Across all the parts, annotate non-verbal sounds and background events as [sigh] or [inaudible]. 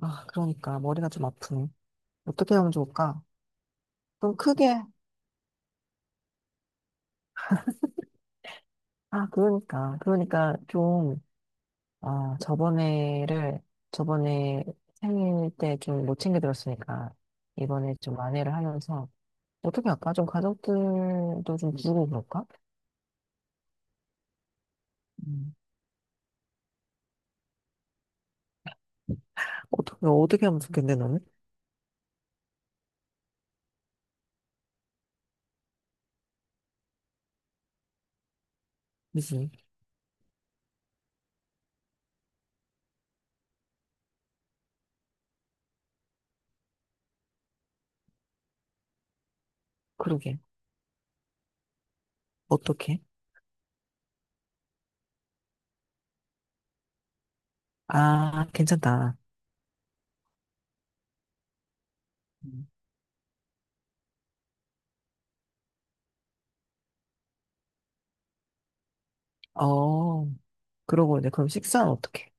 아, 그러니까 머리가 좀 아프네. 어떻게 하면 좋을까? 좀 크게. 아, 그러니까. 그러니까 좀, 아, 저번에를, 저번에 생일 때 좀 못 챙겨 들었으니까, 이번에 좀 만회를 하면서, 어떻게 할까? 좀 가족들도 좀 부르고 그럴까? 음. 어떻게 하면 좋겠네, 너는? 그지? 그러게. 어떻게? 아, 괜찮다. 음. 어, 그러고 이제 그럼 식사는 어떻게?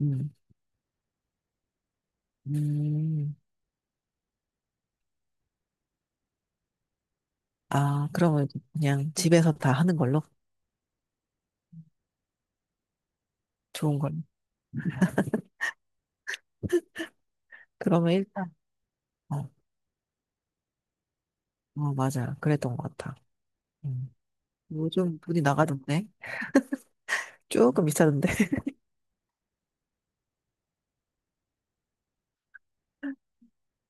음. 음. 아, 그러면 이제 그냥 집에서 다 하는 걸로? 좋은 걸로? 그러면 일단, 어, 어, 맞아. 그랬던 것 같아. 음. 요즘 돈이 나가던데? 조금 비싸던데? [laughs]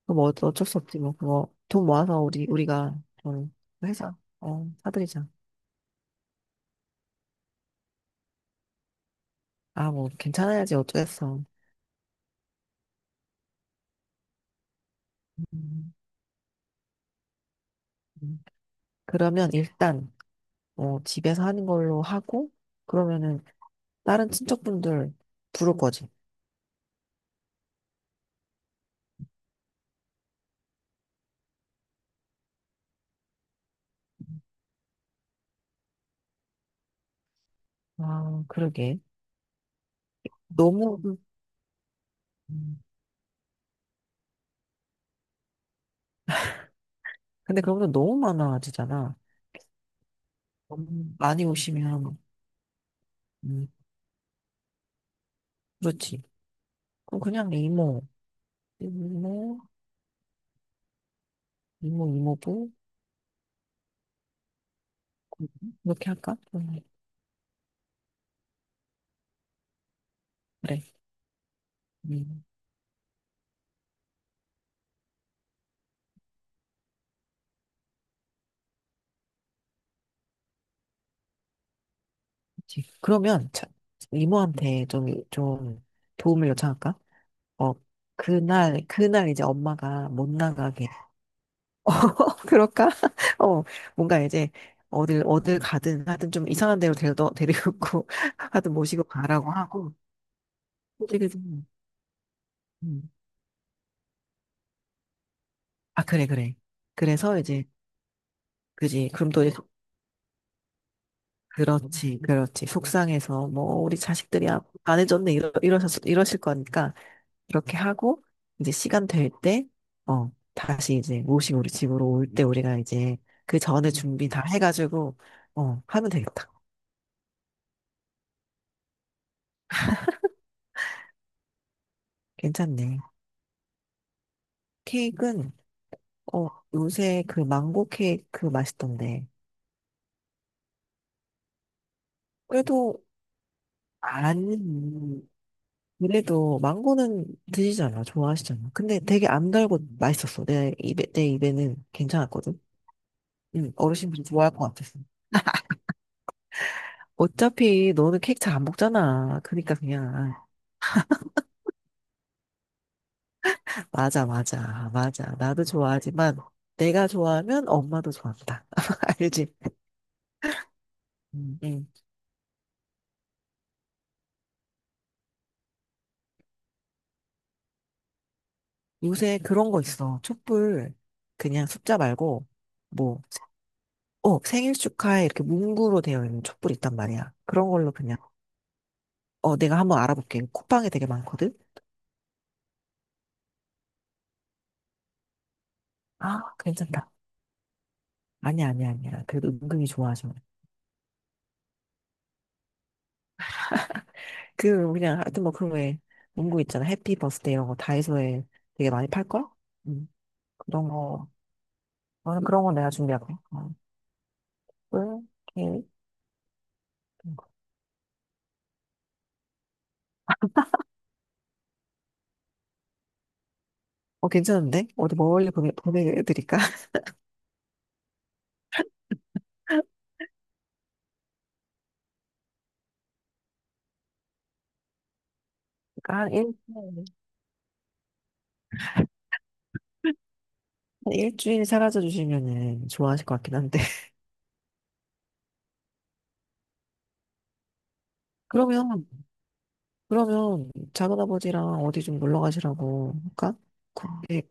그럼 뭐 어쩔 수 없지, 뭐. 그거 돈 모아서 우리가 좀 회사, 어, 사드리자. 아, 뭐, 괜찮아야지. 어쩌겠어. 음, 음. 그러면 일단, 어, 집에서 하는 걸로 하고, 그러면은 다른 친척분들 부를 거지. 아, 그러게. 너무, 음. 근데 그런 건 너무 많아지잖아. 많이 오시면, 음, 그렇지. 그럼 그냥 이모, 이모, 이모부, 이렇게 할까? 그래. 음, 그렇지. 그러면 자, 이모한테 좀, 좀 도움을 요청할까? 어, 그날 이제 엄마가 못 나가게. [laughs] 어, 그럴까? [laughs] 어, 뭔가 이제 어딜 가든 하여튼 좀 이상한 데로 데려, 데리고 [laughs] 하여튼 모시고 가라고 하고. 그지, 그지. 음. 아, 그래, 그래. 그래서 이제, 그지. 그럼 또 그렇지, 그렇지. 속상해서, 뭐, 우리 자식들이 아- 안 해줬네, 이러, 이러셨, 이러실 거니까, 그렇게 하고, 이제 시간 될 때, 어, 다시 이제 모시고 우리 집으로 올 때 우리가 이제 그 전에 준비 다 해가지고, 어, 하면 되겠다. 괜찮네. 케이크는, 어, 요새 그 망고 케이크 맛있던데. 그래도, 안, 그래도 망고는 드시잖아, 좋아하시잖아. 근데 되게 안 달고 맛있었어. 내 입에는 괜찮았거든. 응, 어르신분이 좋아할 것 같아서. 어차피 너는 케이크 잘 안 먹잖아. 그러니까 그냥 아, 맞아. 나도 좋아하지만 내가 좋아하면 엄마도 좋아한다. [laughs] 알지? 응, 응. 요새 그런 거 있어. 촛불 그냥 숫자 말고 뭐, 어, 생일 축하해 이렇게 문구로 되어 있는 촛불 있단 말이야. 그런 걸로 그냥 어, 내가 한번 알아볼게. 쿠팡에 되게 많거든. 아, 괜찮다. 아니야. 그래도 은근히 좋아하셔. 그 그냥 하여튼 뭐 그런 에 문구 있잖아. 해피 버스데이 이런 거 다이소에 되게 많이 팔 걸? 음, 그런 거. 나는 그런 거 내가 준비할게. 어, 꿀, 케이크. 이런 거. 어, 괜찮은데? 어디 멀리 보내드릴까? [laughs] 그러니까 한 일, 한 일주일 사라져 주시면은 좋아하실 것 같긴 한데. [laughs] 그러면, 그러면 작은 아버지랑 어디 좀 놀러 가시라고 할까? 그- 예,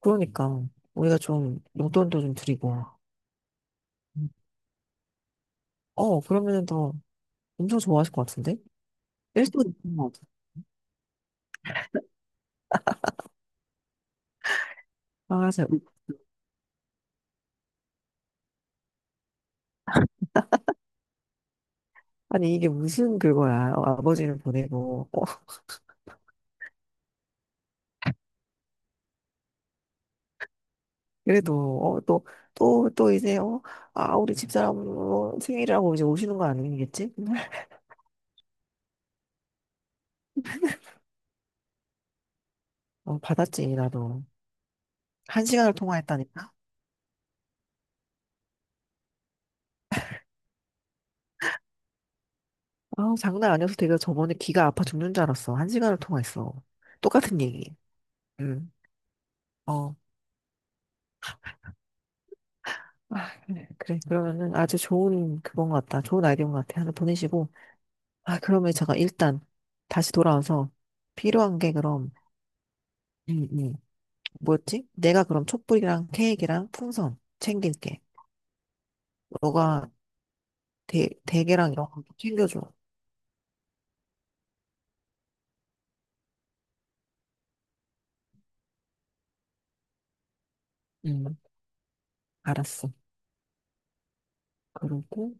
그러니까 우리가 좀 용돈도 좀 드리고. 음. 어, 그러면은 더 엄청 좋아하실 것 같은데? 일도일 동안 강아지 아니, 이게 무슨 그거야. 어, 아버지를 보내고, 어, 그래도, 어, 또, 또, 또 이제, 어, 아, 우리 집사람 어, 생일이라고 이제 오시는 거 아니겠지? [laughs] 어, 받았지, 나도. 한 시간을 통화했다니까? 아 장난 아니어서 내가 저번에 귀가 아파 죽는 줄 알았어. 한 시간을 통화했어. 똑같은 얘기. 응, 어. 아, 그래. 그래. 그러면은 아주 좋은 그건 것 같다. 좋은 아이디어인 것 같아. 하나 보내시고. 아, 그러면 제가 일단 다시 돌아와서 필요한 게 그럼, 음, 음. 뭐였지? 내가 그럼 촛불이랑 케이크랑 풍선 챙길게. 너가 대, 대게랑 이런 거 챙겨줘. 응, 알았어. 그리고,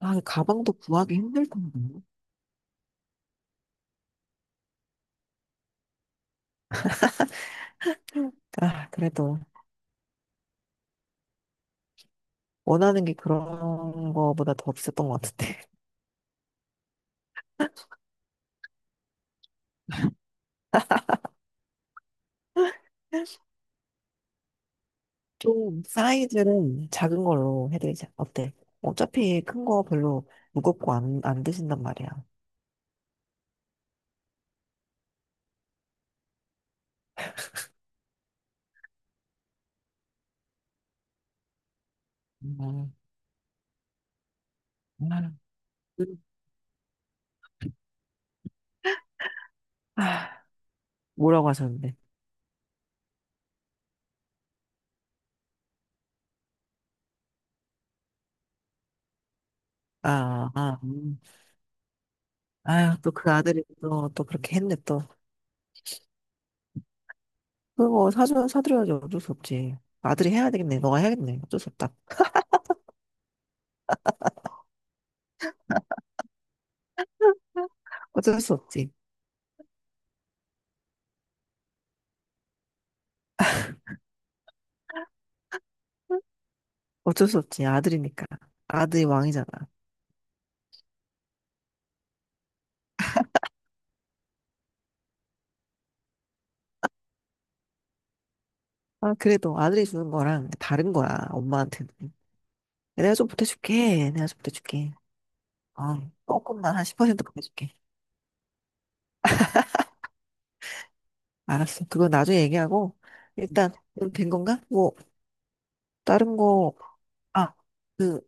아, 가방도 구하기 힘들 텐데. 아, 그래도 원하는 게 그런 거보다 더 없었던 것 같은데. [laughs] 좀 사이즈는 작은 걸로 해드리자. 어때? 어차피 큰 거 별로 무겁고 안 드신단 말이야. 음, 음. 아, 뭐라고 하셨는데? 아, 아. 음. 아유, 또 그 아들이 또 그렇게 했네, 또. 그거 사주, 사드려야지 어쩔 수 없지. 아들이 해야 되겠네. 너가 해야겠네. 어쩔 수 없다. 어쩔 수 없지. 어쩔 수 없지. 아들이니까. 아들이 왕이잖아. 아, 그래도 아들이 주는 거랑 다른 거야. 엄마한테는. 내가 좀 보태줄게. 아, 조금만 한 10% 보태줄게. 알았어. 그건 나중에 얘기하고. 일단, 그럼 된 건가? 뭐, 다른 거, 아, 그,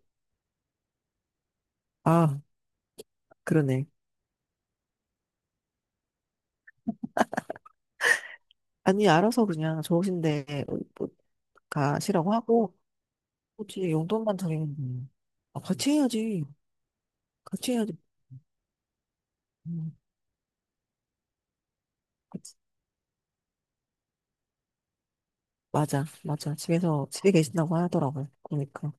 아, 그러네. 아니, 알아서 그냥 좋으신데, 뭐, 뭐 가시라고 하고, 굳이 용돈만 드리면 돼요. 아, 같이 해야지. 같이 해야지. 음, 같이. 맞아, 맞아. 집에서, 집에 계신다고 하더라고요. 그러니까.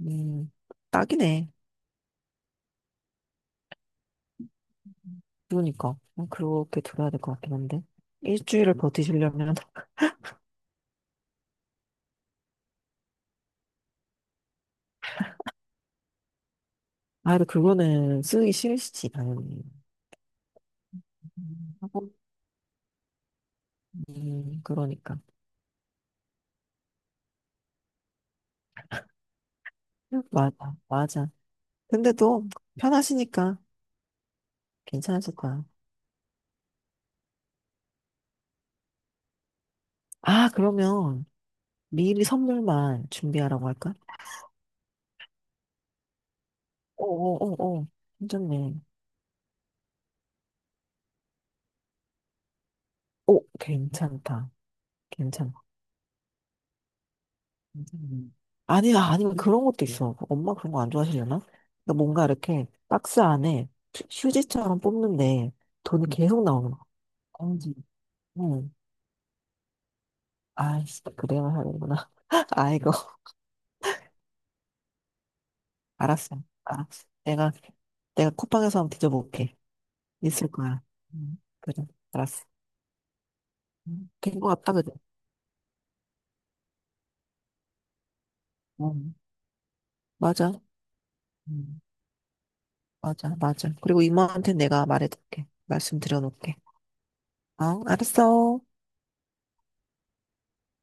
음, 딱이네. 그러니까. 그렇게 들어야 될 것 같긴 한데. 일주일을 버티시려면, [laughs] 아, 근데 그거는 쓰기 싫으시지, 당연히. 하고, 그러니까. 맞아, 맞아. 근데 또, 편하시니까 괜찮으실 거야. 아, 그러면, 미리 선물만 준비하라고 할까? 어어어어. 괜찮네. 오, 괜찮다. 괜찮아. 괜찮네. 아니면 그런 것도 있어. 엄마 그런 거 안 좋아하시려나? 그러니까 뭔가 이렇게 박스 안에 휴- 휴지처럼 뽑는데 돈이 계속 나오는 거. 엄지. 응. 아이씨, 그래야 하는구나. [laughs] 아이고, 알았어. 아, 내가, 내가 쿠팡에서 한번 뒤져볼게. 있을 거야. 응, 그래, 알았어. 응. 된거 같다, 그래. 응, 맞아. 응. 맞아, 맞아. 그리고 이모한테 내가 말해줄게. 말씀드려놓을게. 어, 알았어.